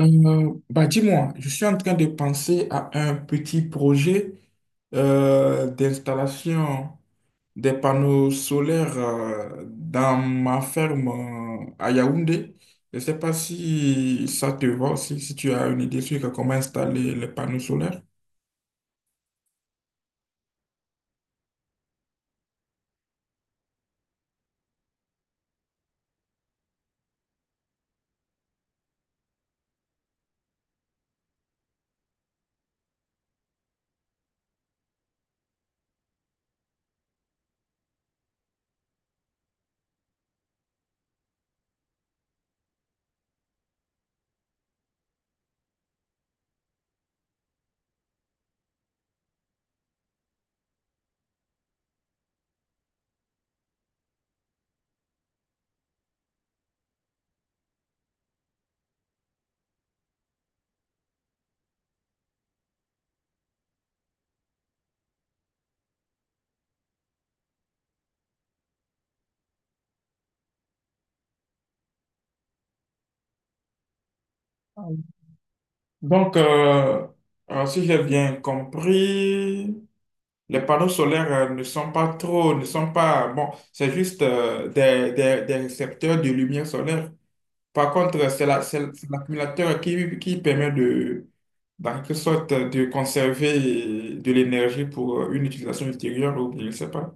Bah dis-moi, je suis en train de penser à un petit projet d'installation des panneaux solaires dans ma ferme à Yaoundé. Je ne sais pas si ça te va, si tu as une idée sur comment installer les panneaux solaires. Donc, euh, Si j'ai bien compris, les panneaux solaires ne sont pas trop, ne sont pas, bon, c'est juste des récepteurs de lumière solaire. Par contre, c'est la- c'est l'accumulateur qui permet de, dans quelque sorte, de conserver de l'énergie pour une utilisation ultérieure ou je ne sais pas.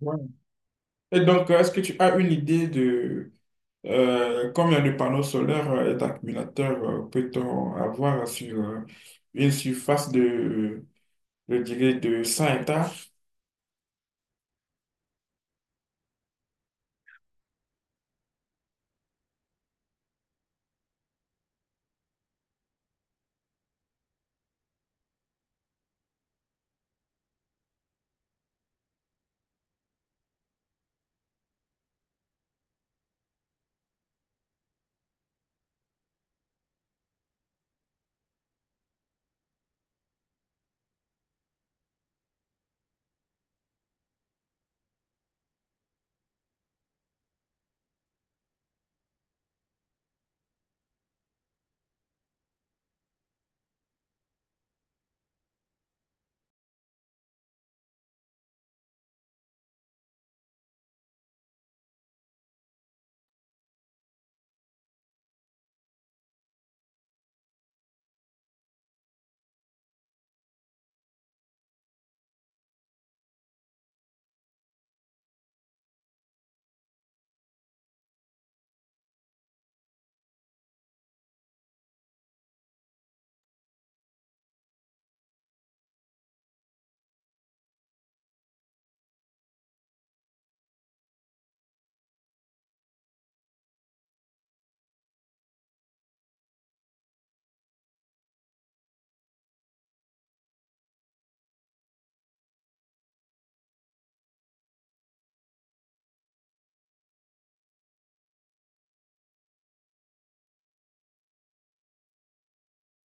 Ouais. Et donc, est-ce que tu as une idée de combien de panneaux solaires et d'accumulateurs peut-on avoir sur une surface de, je dirais, de 100 hectares?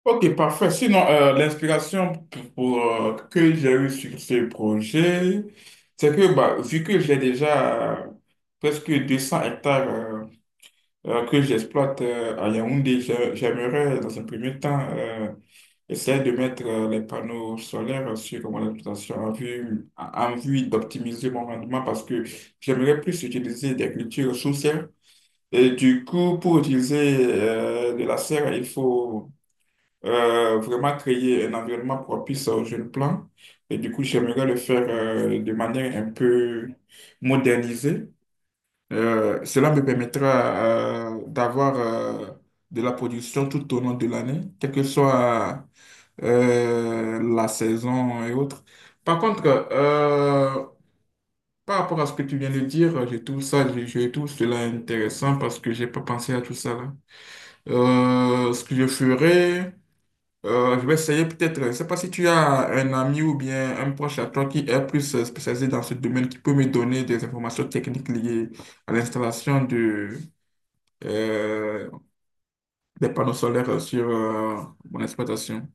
Ok, parfait. Sinon, l'inspiration que j'ai eue sur ce projet, c'est que bah, vu que j'ai déjà presque 200 hectares que j'exploite à Yaoundé, j'aimerais dans un premier temps essayer de mettre les panneaux solaires sur mon exploitation en vue d'optimiser mon rendement parce que j'aimerais plus utiliser des cultures sous serre. Et du coup, pour utiliser de la serre, il faut vraiment créer un environnement propice aux jeunes plants. Et du coup, j'aimerais le faire de manière un peu modernisée. Cela me permettra d'avoir de la production tout au long de l'année, quelle que soit la saison et autres. Par contre, euh, Par rapport à ce que tu viens de dire, je trouve ça, je trouve cela intéressant parce que j'ai pas pensé à tout ça là. Ce que je ferais, je vais essayer peut-être. Je ne sais pas si tu as un ami ou bien un proche à toi qui est plus spécialisé dans ce domaine, qui peut me donner des informations techniques liées à l'installation de, euh, des panneaux solaires sur mon exploitation.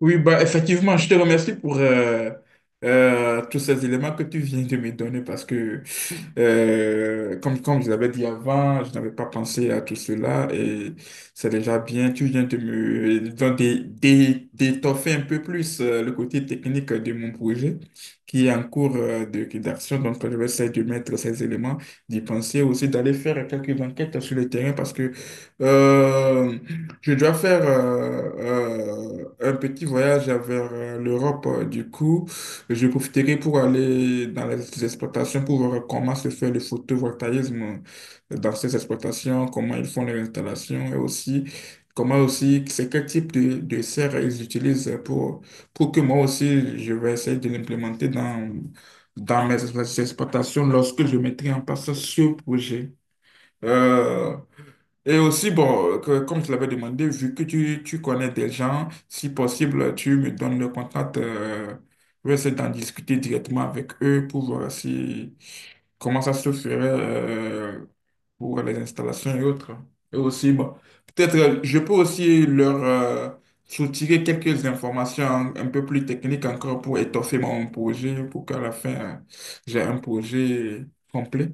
Oui, bah, effectivement, je te remercie pour tous ces éléments que tu viens de me donner parce que comme je l'avais dit avant, je n'avais pas pensé à tout cela et c'est déjà bien. Tu viens de me donc, d'étoffer un peu plus le côté technique de mon projet qui est en cours de rédaction. Donc, je vais essayer de mettre ces éléments, d'y penser aussi, d'aller faire quelques enquêtes sur le terrain parce que euh, je dois faire un petit voyage vers l'Europe du coup. Je profiterai pour aller dans les exploitations pour voir comment se fait le photovoltaïsme dans ces exploitations, comment ils font les installations et aussi comment aussi c'est quel type de serre ils utilisent pour que moi aussi je vais essayer de l'implémenter dans, dans mes exploitations lorsque je mettrai en place ce projet. Euh, et aussi, bon, comme tu l'avais demandé, vu que tu connais des gens, si possible, tu me donnes le contact. Je vais essayer d'en discuter directement avec eux pour voir si, comment ça se ferait pour les installations et autres. Et aussi, bon, peut-être je peux aussi leur soutirer quelques informations un peu plus techniques encore pour étoffer mon projet, pour qu'à la fin, j'ai un projet complet.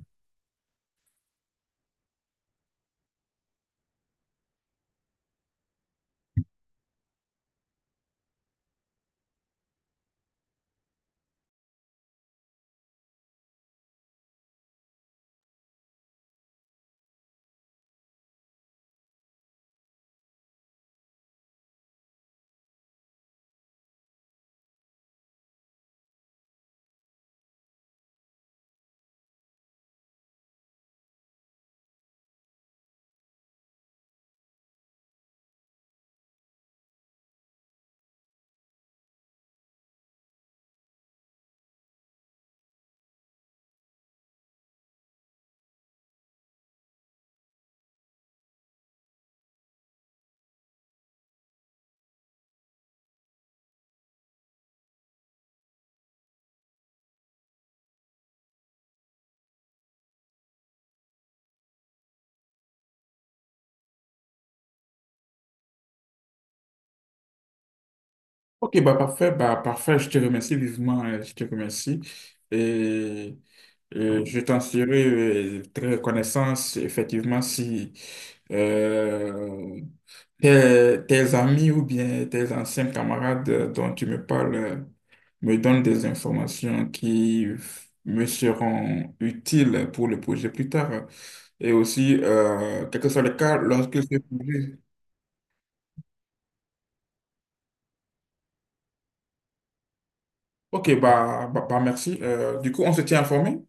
Ok, bah parfait, je te remercie vivement, je te remercie. Et, je t'en serai très reconnaissant, effectivement, si euh, tes amis ou bien tes anciens camarades dont tu me parles me donnent des informations me seront utiles pour le projet plus tard. Et aussi, quel que soit le cas, lorsque ce projet... Ok, bah, bah, bah, merci. Du coup, on se tient informé?